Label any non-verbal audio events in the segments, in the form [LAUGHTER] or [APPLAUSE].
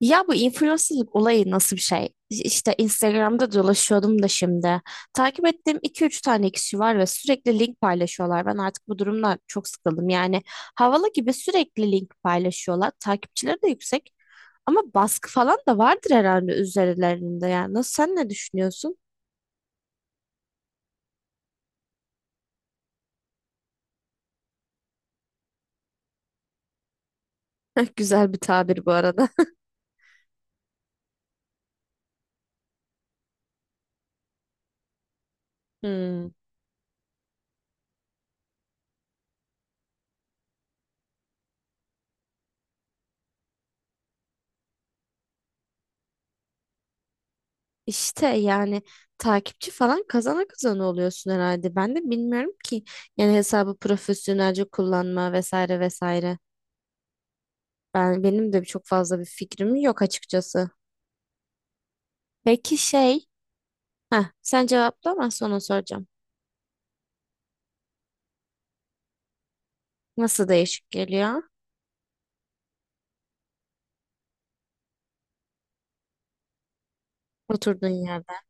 Ya bu influencerlık olayı nasıl bir şey? İşte Instagram'da dolaşıyordum da şimdi. Takip ettiğim iki üç tane kişi var ve sürekli link paylaşıyorlar. Ben artık bu durumdan çok sıkıldım. Yani havalı gibi sürekli link paylaşıyorlar. Takipçileri de yüksek ama baskı falan da vardır herhalde üzerlerinde. Yani nasıl sen ne düşünüyorsun? [LAUGHS] Güzel bir tabir bu arada. [LAUGHS] Hmm. İşte yani takipçi falan kazana kazana oluyorsun herhalde. Ben de bilmiyorum ki yani hesabı profesyonelce kullanma vesaire vesaire. Benim de çok fazla bir fikrim yok açıkçası. Peki şey, ha sen cevapla ben sonra soracağım. Nasıl değişik geliyor oturduğun yerden?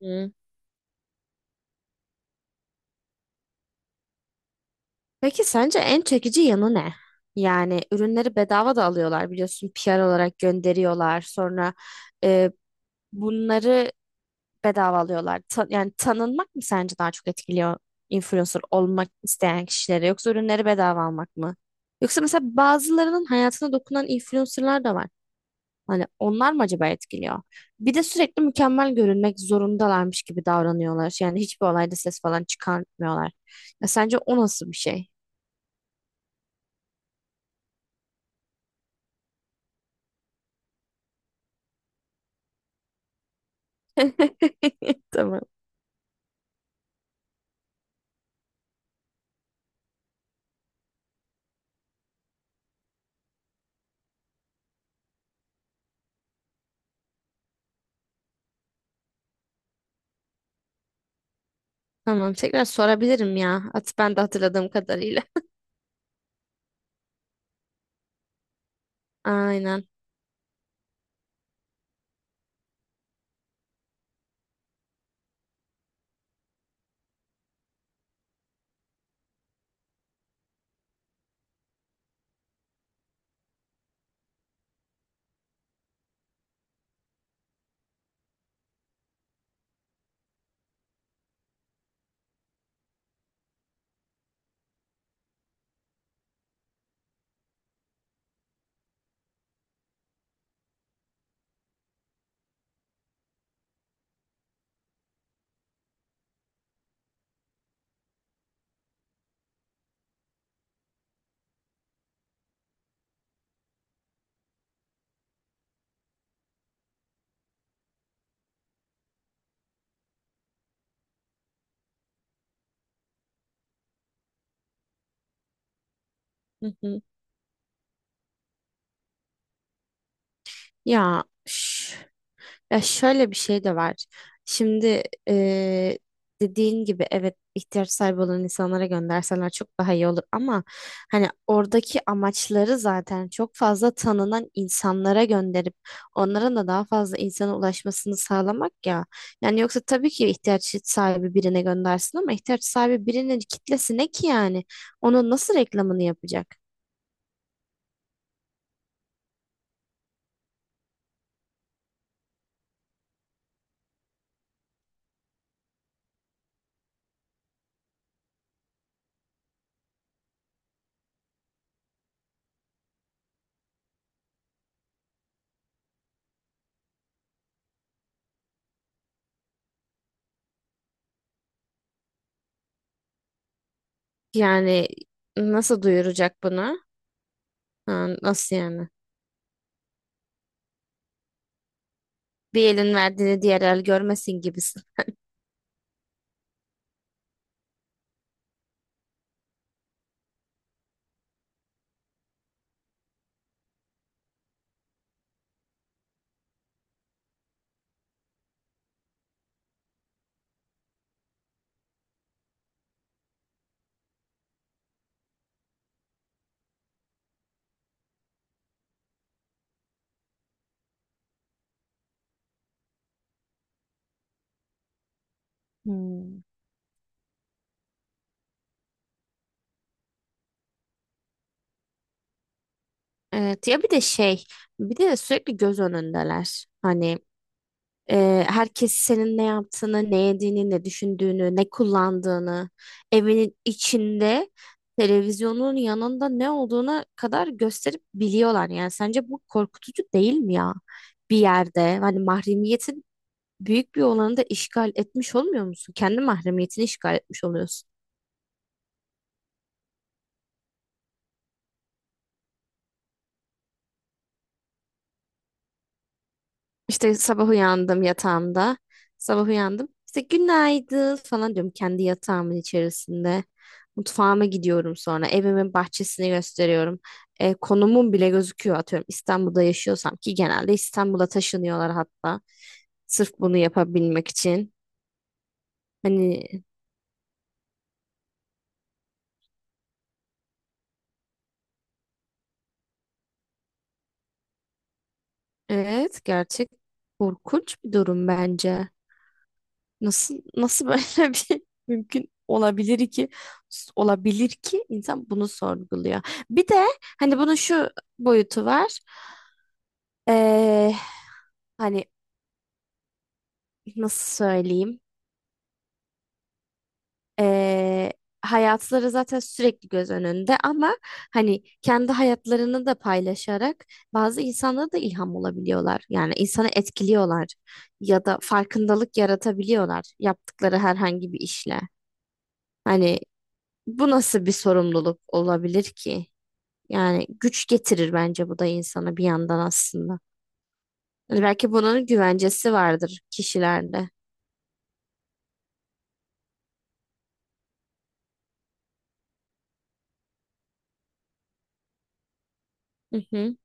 Hı. Peki sence en çekici yanı ne? Yani ürünleri bedava da alıyorlar biliyorsun PR olarak gönderiyorlar. Sonra e, bunları bedava alıyorlar. Yani tanınmak mı sence daha çok etkiliyor influencer olmak isteyen kişileri yoksa ürünleri bedava almak mı? Yoksa mesela bazılarının hayatına dokunan influencerlar da var. Hani onlar mı acaba etkiliyor? Bir de sürekli mükemmel görünmek zorundalarmış gibi davranıyorlar. Yani hiçbir olayda ses falan çıkartmıyorlar. Ya sence o nasıl bir şey? [LAUGHS] Tamam. Tamam, tekrar sorabilirim ya. At, ben de hatırladığım kadarıyla. Aynen. Hı hı. Ya üf. Ya şöyle bir şey de var. Şimdi dediğin gibi evet, ihtiyaç sahibi olan insanlara gönderseler çok daha iyi olur ama hani oradaki amaçları zaten çok fazla tanınan insanlara gönderip onların da daha fazla insana ulaşmasını sağlamak ya. Yani yoksa tabii ki ihtiyaç sahibi birine göndersin ama ihtiyaç sahibi birinin kitlesi ne ki yani? Onun nasıl reklamını yapacak? Yani nasıl duyuracak bunu? Ha, nasıl yani? Bir elin verdiğini diğer el görmesin gibisin. Hmm. Evet, ya bir de şey, bir de sürekli göz önündeler. Hani herkes senin ne yaptığını, ne yediğini, ne düşündüğünü, ne kullandığını, evinin içinde televizyonun yanında ne olduğuna kadar gösterip biliyorlar. Yani sence bu korkutucu değil mi ya? Bir yerde hani mahremiyetin büyük bir olanı da işgal etmiş olmuyor musun? Kendi mahremiyetini işgal etmiş oluyorsun. İşte sabah uyandım yatağımda. Sabah uyandım. İşte günaydın falan diyorum kendi yatağımın içerisinde. Mutfağıma gidiyorum sonra. Evimin bahçesini gösteriyorum. E, konumum bile gözüküyor atıyorum. İstanbul'da yaşıyorsam ki genelde İstanbul'a taşınıyorlar hatta. Sırf bunu yapabilmek için. Hani evet, gerçek korkunç bir durum bence. Nasıl böyle [LAUGHS] bir mümkün olabilir ki insan bunu sorguluyor. Bir de hani bunun şu boyutu var. Ee, Hani nasıl söyleyeyim? Ee, Hayatları zaten sürekli göz önünde ama hani kendi hayatlarını da paylaşarak bazı insanlara da ilham olabiliyorlar. Yani insanı etkiliyorlar ya da farkındalık yaratabiliyorlar yaptıkları herhangi bir işle. Hani bu nasıl bir sorumluluk olabilir ki? Yani güç getirir bence bu da insana bir yandan aslında. Hani belki bunun güvencesi vardır kişilerde. Hı hı.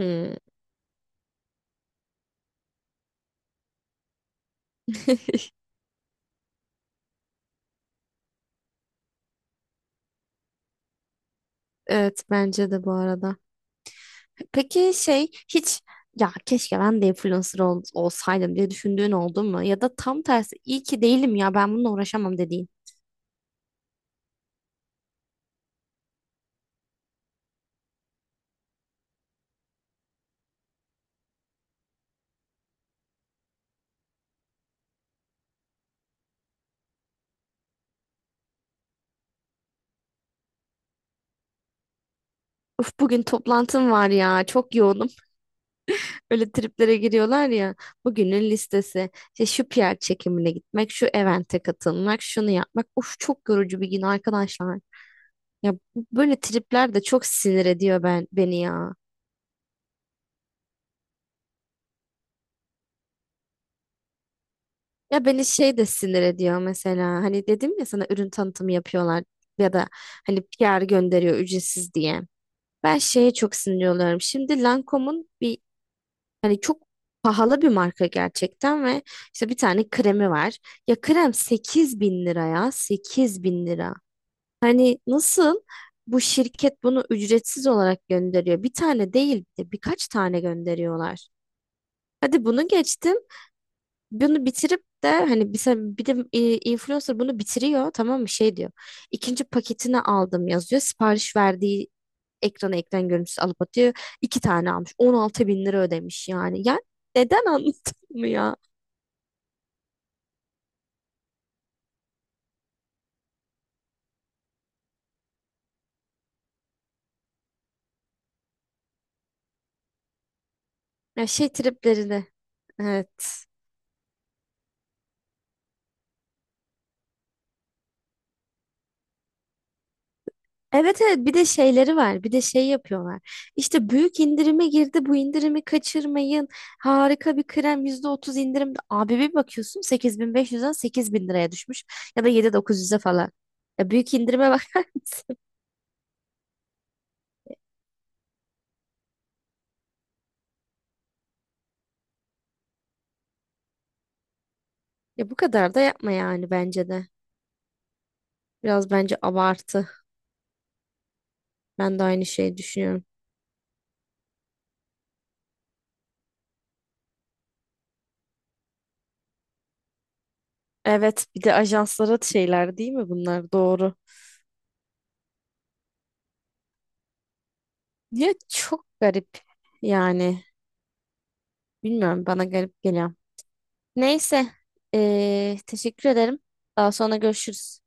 Hı. [LAUGHS] Evet, bence de bu arada. Peki şey, hiç ya keşke ben de influencer olsaydım diye düşündüğün oldu mu? Ya da tam tersi iyi ki değilim ya, ben bununla uğraşamam dediğin. Uf, bugün toplantım var ya, çok yoğunum. Öyle triplere giriyorlar ya. Bugünün listesi. İşte şu PR çekimine gitmek, şu evente katılmak, şunu yapmak. Of, çok yorucu bir gün arkadaşlar. Ya böyle tripler de çok sinir ediyor beni ya. Ya beni şey de sinir ediyor mesela. Hani dedim ya sana, ürün tanıtımı yapıyorlar ya da hani PR gönderiyor ücretsiz diye. Ben şeye çok sinir oluyorum. Şimdi Lancome'un bir çok pahalı bir marka gerçekten ve işte bir tane kremi var. Ya krem 8.000 lira ya, 8.000 lira. Hani nasıl bu şirket bunu ücretsiz olarak gönderiyor? Bir tane değil de birkaç tane gönderiyorlar. Hadi bunu geçtim. Bunu bitirip de hani bir, bir de influencer bunu bitiriyor, tamam mı, şey diyor. İkinci paketini aldım yazıyor. Sipariş verdiği ekran görüntüsü alıp atıyor. İki tane almış. 16 bin lira ödemiş yani. Yani neden, anladın mı ya? Ya şey triplerini. Evet. Evet evet, bir de şeyleri var, bir de şey yapıyorlar işte, büyük indirime girdi, bu indirimi kaçırmayın, harika bir krem, %30 indirim abi, bir bakıyorsun 8.500'den 8.000 liraya düşmüş ya da 7900'e falan, ya büyük indirime bak. [LAUGHS] Ya bu kadar da yapma yani, bence de biraz bence abartı, ben de aynı şeyi düşünüyorum. Evet, bir de ajanslara şeyler değil mi bunlar, doğru. Ya çok garip yani, bilmiyorum, bana garip geliyor. Neyse. Teşekkür ederim. Daha sonra görüşürüz.